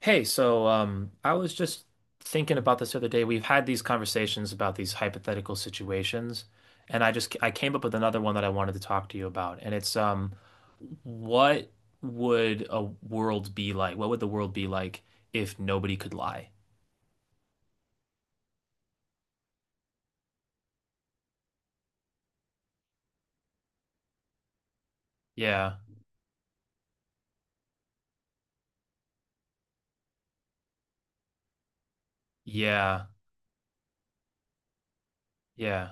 Hey, I was just thinking about this the other day. We've had these conversations about these hypothetical situations, and I came up with another one that I wanted to talk to you about, and it's what would a world be like? What would the world be like if nobody could lie? Yeah, yeah, yeah.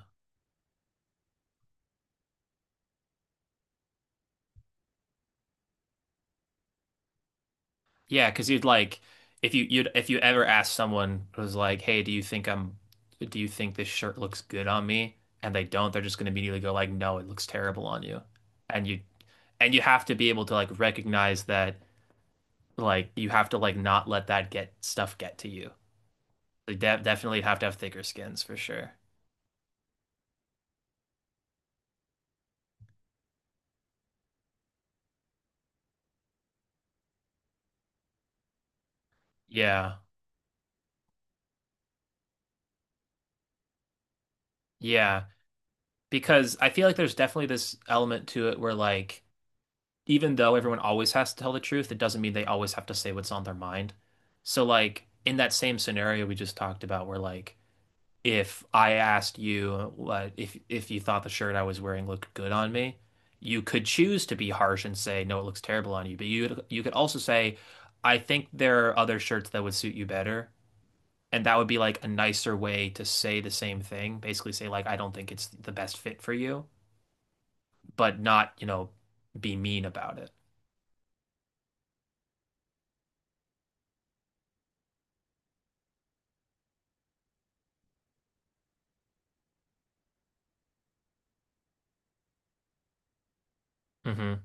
Yeah, because you'd like if you'd if you ever asked someone who's like, "Hey, do you think this shirt looks good on me?" and they don't, they're just going to immediately go like, "No, it looks terrible on you." And you and you have to be able to like recognize that like you have to like not let that get stuff get to you. They de definitely have to have thicker skins for sure. Yeah. Yeah, because I feel like there's definitely this element to it where like even though everyone always has to tell the truth, it doesn't mean they always have to say what's on their mind. So, like, in that same scenario we just talked about, where like, if I asked you what if you thought the shirt I was wearing looked good on me, you could choose to be harsh and say, no, it looks terrible on you. But you could also say, I think there are other shirts that would suit you better. And that would be like a nicer way to say the same thing. Basically say like, I don't think it's the best fit for you, but not be mean about it. hmm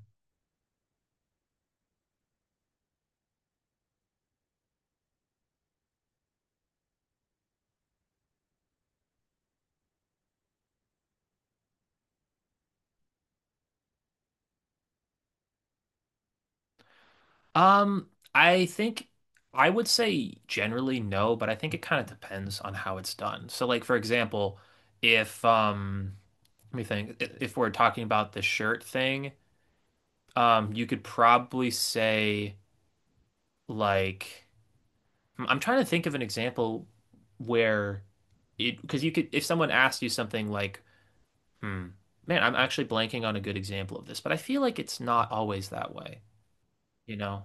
I think I would say generally no, but I think it kind of depends on how it's done. So like for example, if let me think, if we're talking about the shirt thing, you could probably say like I'm trying to think of an example where it because you could if someone asked you something like, hmm, man, I'm actually blanking on a good example of this, but I feel like it's not always that way, you know?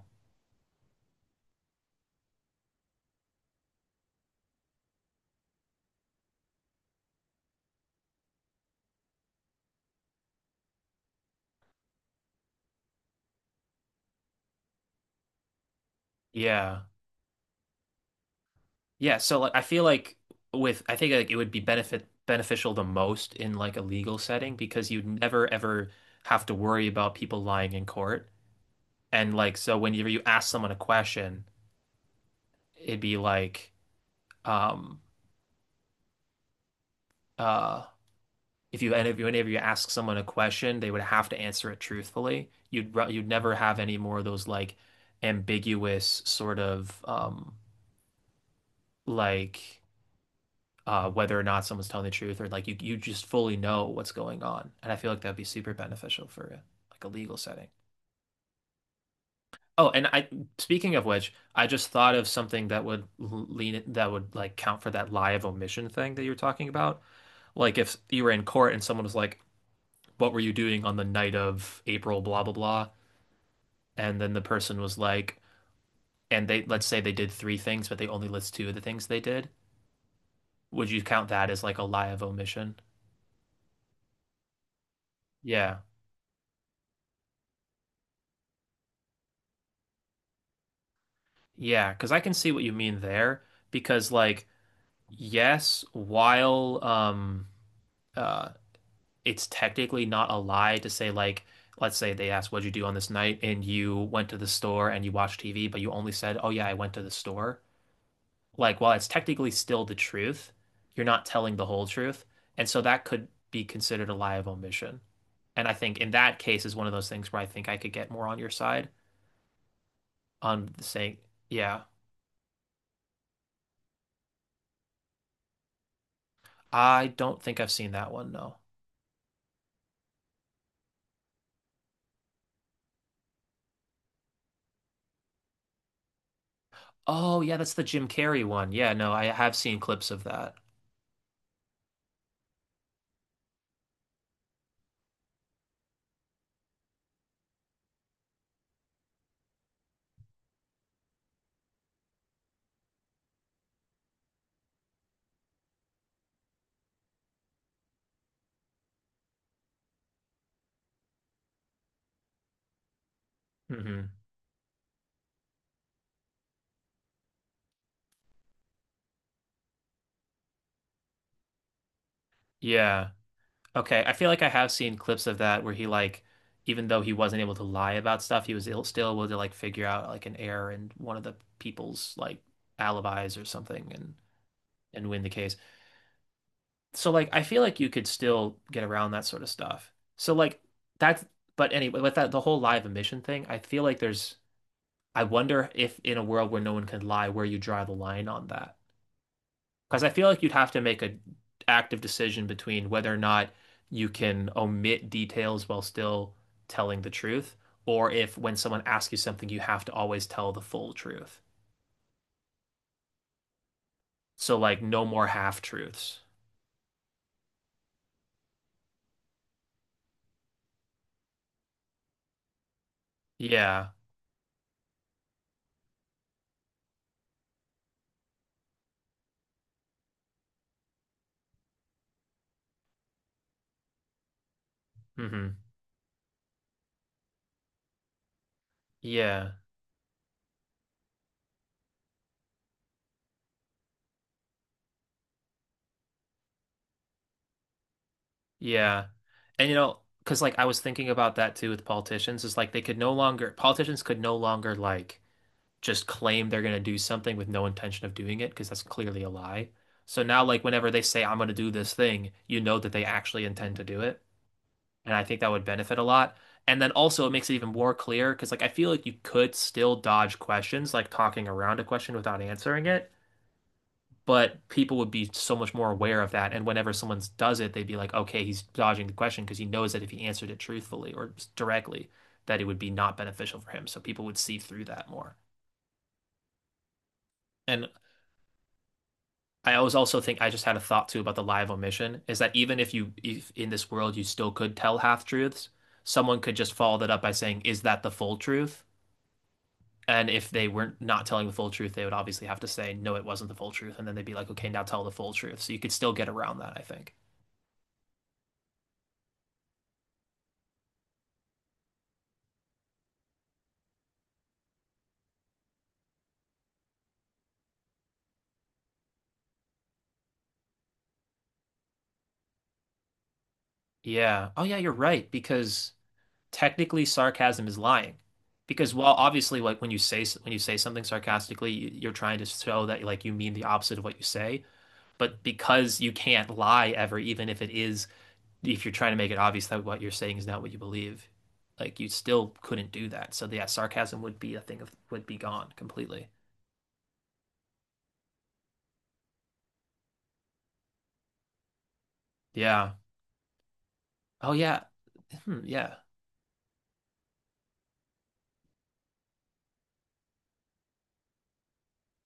Yeah. Yeah, so like I feel like with I think like it would be benefit beneficial the most in like a legal setting because you'd never ever have to worry about people lying in court. And like so whenever you ask someone a question, it'd be like um uh if you and if you whenever you ask someone a question, they would have to answer it truthfully. You'd never have any more of those like ambiguous sort of like whether or not someone's telling the truth or like you just fully know what's going on. And I feel like that'd be super beneficial for like a legal setting. Oh, and I speaking of which, I just thought of something that would lean that would like count for that lie of omission thing that you were talking about. Like if you were in court and someone was like, "What were you doing on the night of April blah blah blah?" and then the person was like, and they, let's say they did three things, but they only list two of the things they did. Would you count that as like a lie of omission? Yeah. Yeah, because I can see what you mean there. Because, like, yes, while uh, it's technically not a lie to say, like, let's say they asked, what'd you do on this night? And you went to the store and you watched TV, but you only said, oh, yeah, I went to the store. Like, while it's technically still the truth, you're not telling the whole truth. And so that could be considered a lie of omission. And I think in that case is one of those things where I think I could get more on your side on saying, yeah, I don't think I've seen that one, no. Oh, yeah, that's the Jim Carrey one. Yeah, no, I have seen clips of that. hmm Yeah. Okay. I feel like I have seen clips of that where he like, even though he wasn't able to lie about stuff, he was still able to like figure out like an error in one of the people's like alibis or something and win the case. So like, I feel like you could still get around that sort of stuff. So like that's but anyway, with that the whole live emission thing, I feel like there's I wonder if in a world where no one can lie, where you draw the line on that. Because I feel like you'd have to make an active decision between whether or not you can omit details while still telling the truth, or if when someone asks you something, you have to always tell the full truth. So, like, no more half truths. Yeah. hmm Yeah. Yeah. And, you know, because, like, I was thinking about that too with politicians, is like they could no longer, politicians could no longer, like, just claim they're going to do something with no intention of doing it because that's clearly a lie. So now, like, whenever they say, I'm going to do this thing, you know that they actually intend to do it. And I think that would benefit a lot. And then also, it makes it even more clear because, like, I feel like you could still dodge questions, like talking around a question without answering it. But people would be so much more aware of that. And whenever someone does it, they'd be like, okay, he's dodging the question because he knows that if he answered it truthfully or directly, that it would be not beneficial for him. So people would see through that more. And I always also think I just had a thought too about the live omission is that even if you if in this world you still could tell half truths, someone could just follow that up by saying, "Is that the full truth?" And if they weren't not telling the full truth, they would obviously have to say, "No, it wasn't the full truth," and then they'd be like, "Okay, now tell the full truth." So you could still get around that, I think. Yeah. Oh yeah, you're right because technically sarcasm is lying. Because while obviously like when you say something sarcastically, you're trying to show that like you mean the opposite of what you say but because you can't lie ever, even if it is, if you're trying to make it obvious that what you're saying is not what you believe, like you still couldn't do that. So yeah, sarcasm would be a thing of would be gone completely. Yeah. Oh yeah. Hmm, yeah.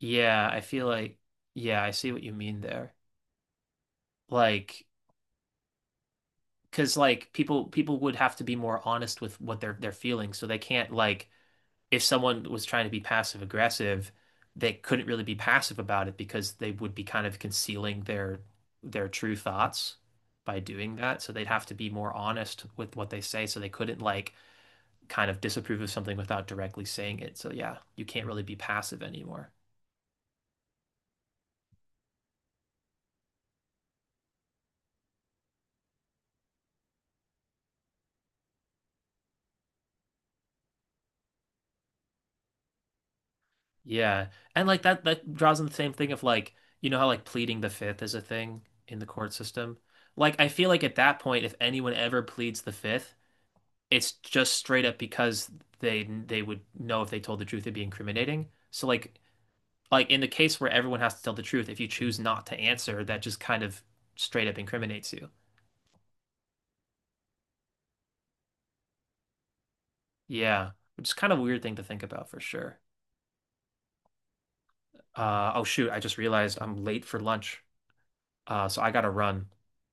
Yeah. I feel like yeah, I see what you mean there. Like, because like people would have to be more honest with what they're feeling, so they can't like if someone was trying to be passive aggressive, they couldn't really be passive about it because they would be kind of concealing their true thoughts by doing that. So they'd have to be more honest with what they say. So they couldn't like kind of disapprove of something without directly saying it. So yeah, you can't really be passive anymore. Yeah. And like that draws in the same thing of like, you know how like pleading the fifth is a thing in the court system? Like I feel like at that point, if anyone ever pleads the fifth, it's just straight up because they would know if they told the truth it'd be incriminating. So like in the case where everyone has to tell the truth, if you choose not to answer, that just kind of straight up incriminates you. Yeah, which is kind of a weird thing to think about for sure. Oh shoot, I just realized I'm late for lunch, so I gotta run.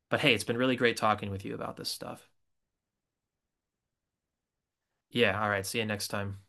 But hey, it's been really great talking with you about this stuff. Yeah, all right, see you next time.